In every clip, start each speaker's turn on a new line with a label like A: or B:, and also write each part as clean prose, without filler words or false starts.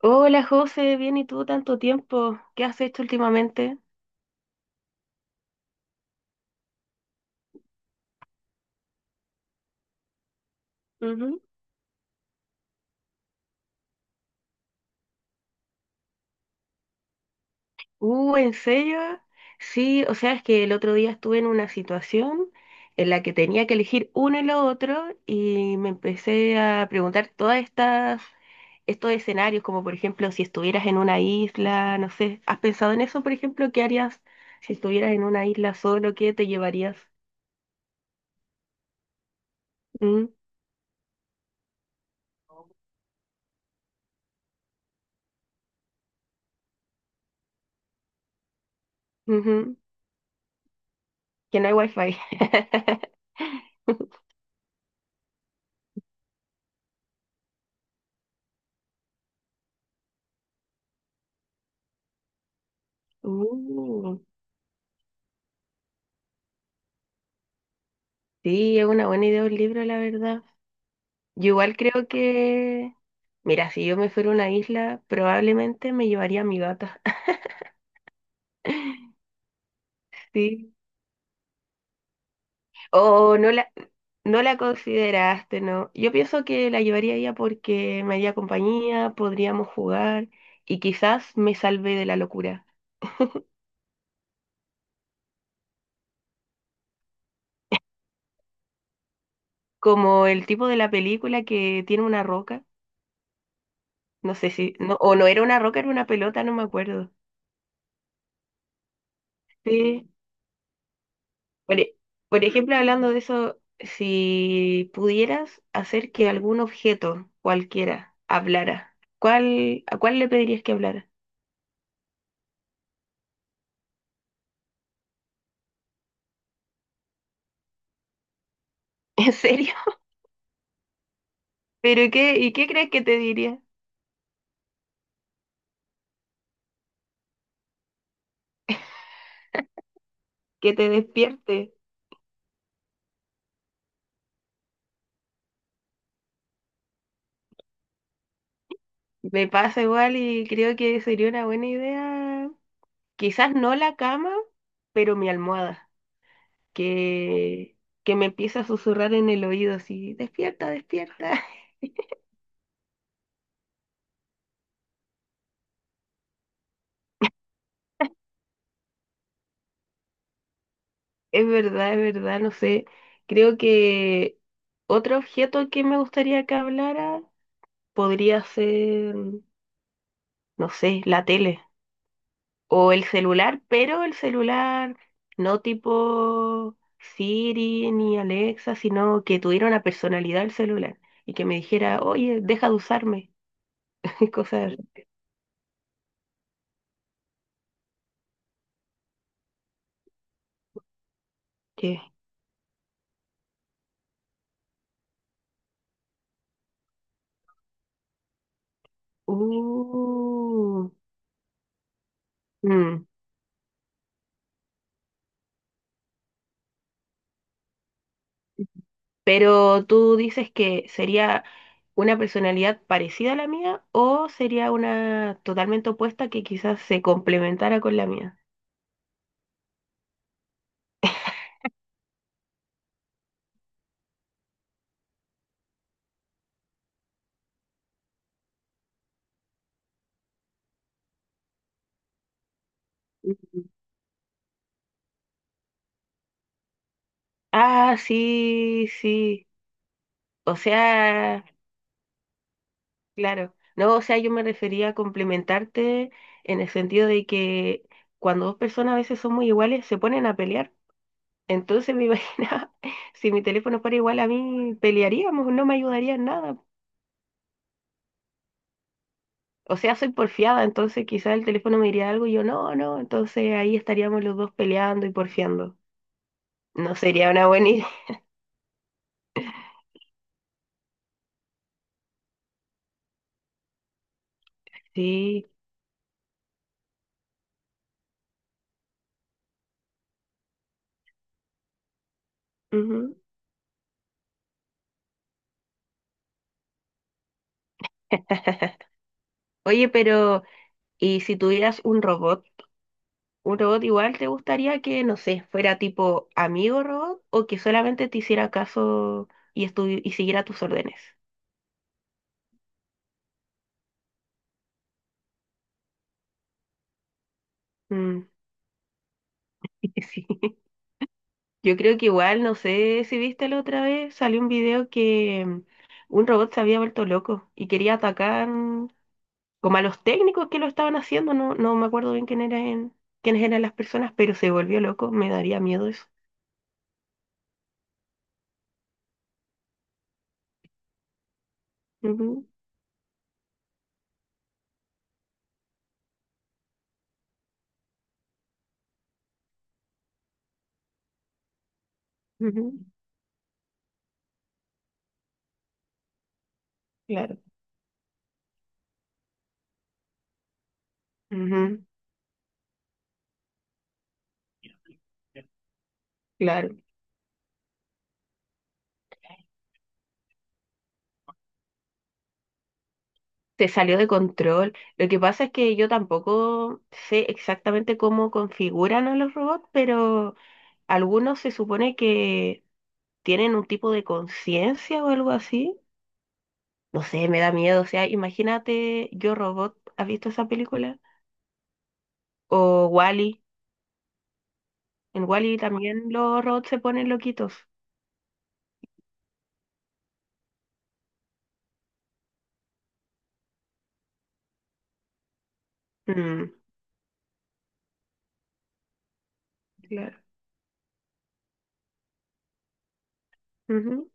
A: Hola José, bien y tú, tanto tiempo. ¿Qué has hecho últimamente? Ujú. ¿En serio? Sí, o sea, es que el otro día estuve en una situación en la que tenía que elegir uno y lo otro y me empecé a preguntar estos escenarios, como por ejemplo si estuvieras en una isla, no sé, ¿has pensado en eso, por ejemplo? ¿Qué harías si estuvieras en una isla solo? ¿Qué te llevarías? Mm, ujú, que no hay wifi. Uh. Sí, es una buena idea un libro, la verdad. Yo igual mira, si yo me fuera a una isla, probablemente me llevaría a mi gata. Sí. O no la, no la consideraste, ¿no? Yo pienso que la llevaría a ella porque me haría compañía, podríamos jugar y quizás me salve de la locura. Como el tipo de la película que tiene una roca, no sé no, o no era una roca, era una pelota, no me acuerdo. Sí, por, por ejemplo, hablando de eso, si pudieras hacer que algún objeto, cualquiera, hablara, ¿a cuál le pedirías que hablara? ¿En serio? ¿Y qué crees que te diría? Que te despierte. Me pasa igual y creo que sería una buena idea. Quizás no la cama, pero mi almohada, que, que me empieza a susurrar en el oído así, despierta, despierta. Es verdad, no sé. Creo que otro objeto que me gustaría que hablara podría ser, no sé, la tele o el celular, pero el celular no tipo Siri ni Alexa, sino que tuviera una personalidad el celular y que me dijera, oye, deja de usarme, cosas que... Uh, mm. Pero tú dices que sería una personalidad parecida a la mía o sería una totalmente opuesta que quizás se complementara con la mía. Ujú. Ah, sí, sí. O sea, claro. No, o sea, yo me refería a complementarte en el sentido de que cuando dos personas a veces son muy iguales, se ponen a pelear. Entonces me imaginaba, si mi teléfono fuera igual a mí, pelearíamos, no me ayudaría en nada. O sea, soy porfiada, entonces quizás el teléfono me diría algo y yo no, entonces ahí estaríamos los dos peleando y porfiando. No sería una buena idea. Sí. Ujú. Oye, pero ¿y si tuvieras un robot? ¿Un robot igual te gustaría que, no sé, fuera tipo amigo robot o que solamente te hiciera caso y, y siguiera tus órdenes? Mm, sí. Yo creo que igual, no sé si viste la otra vez, salió un video que un robot se había vuelto loco y quería atacar como a los técnicos que lo estaban haciendo, no me acuerdo bien quién eran, quiénes eran las personas, pero se volvió loco, me daría miedo eso. Ujú, ujú, claro. Ujú. Claro, se salió de control. Lo que pasa es que yo tampoco sé exactamente cómo configuran a los robots, pero algunos se supone que tienen un tipo de conciencia o algo así. No sé, me da miedo. O sea, imagínate Yo Robot, ¿has visto esa película? O Wall-E. En Wall-E también los robots se ponen loquitos. Mm, claro. Ujú,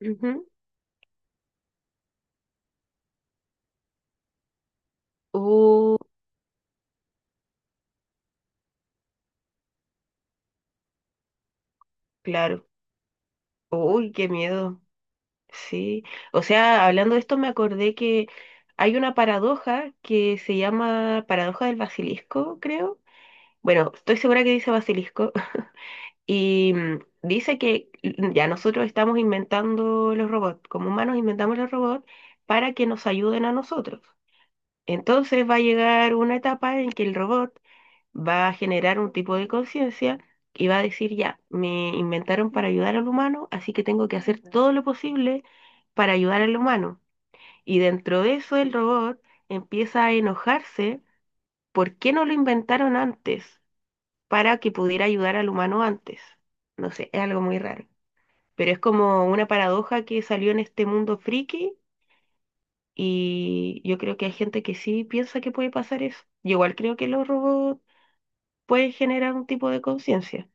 A: ujú. Uh, claro. Uy, qué miedo. Sí. O sea, hablando de esto, me acordé que hay una paradoja que se llama paradoja del basilisco, creo. Bueno, estoy segura que dice basilisco. Y dice que ya nosotros estamos inventando los robots, como humanos inventamos los robots para que nos ayuden a nosotros. Entonces va a llegar una etapa en que el robot va a generar un tipo de conciencia y va a decir, ya, me inventaron para ayudar al humano, así que tengo que hacer todo lo posible para ayudar al humano. Y dentro de eso el robot empieza a enojarse, ¿por qué no lo inventaron antes para que pudiera ayudar al humano antes? No sé, es algo muy raro. Pero es como una paradoja que salió en este mundo friki y yo creo que hay gente que sí piensa que puede pasar eso. Yo igual creo que los robots pueden generar un tipo de conciencia.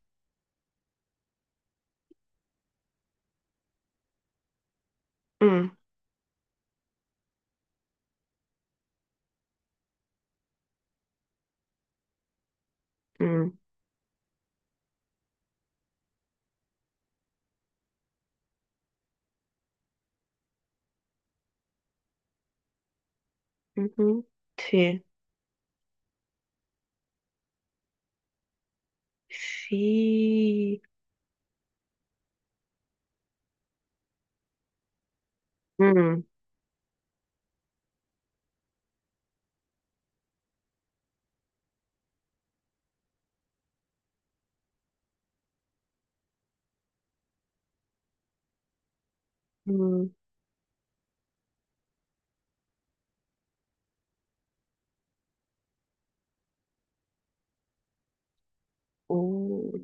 A: Mm. Mm, ujú, sí, sí. Mm, mm, uh.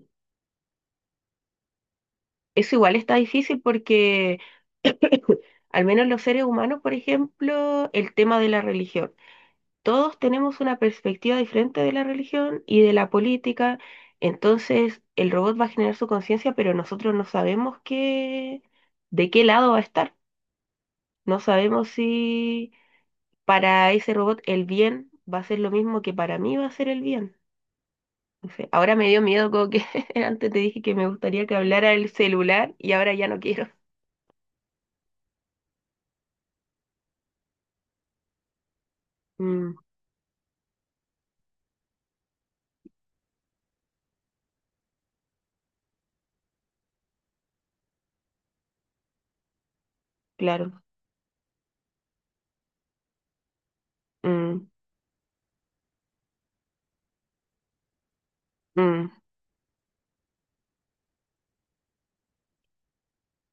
A: Eso igual está difícil porque al menos los seres humanos, por ejemplo, el tema de la religión. Todos tenemos una perspectiva diferente de la religión y de la política. Entonces, el robot va a generar su conciencia, pero nosotros no sabemos de qué lado va a estar. No sabemos si para ese robot el bien va a ser lo mismo que para mí va a ser el bien. No sé, ahora me dio miedo como que antes te dije que me gustaría que hablara el celular y ahora ya no quiero. Mm, claro. Mm, mm.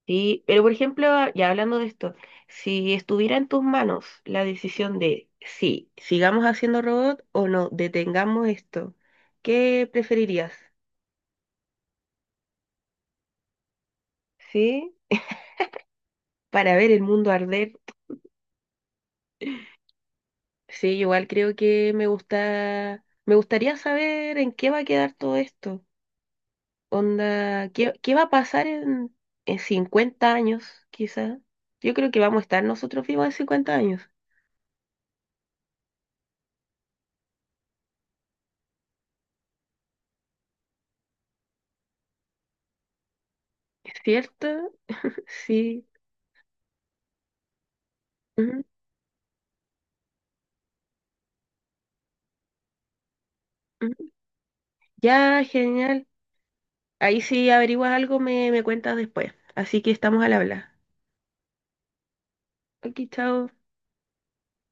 A: Sí, pero por ejemplo, ya hablando de esto, si estuviera en tus manos la decisión de si sigamos haciendo robot o no, detengamos esto, ¿qué preferirías? Sí, para ver el mundo arder. Sí, igual creo que me gusta, me gustaría saber en qué va a quedar todo esto. Onda, ¿qué va a pasar en 50 años, quizás? Yo creo que vamos a estar nosotros vivos en 50 años. ¿Es cierto? Sí. Ujú, ujú. Ya, genial. Ahí si averiguas algo, me cuentas después. Así que estamos al habla. Aquí, chao.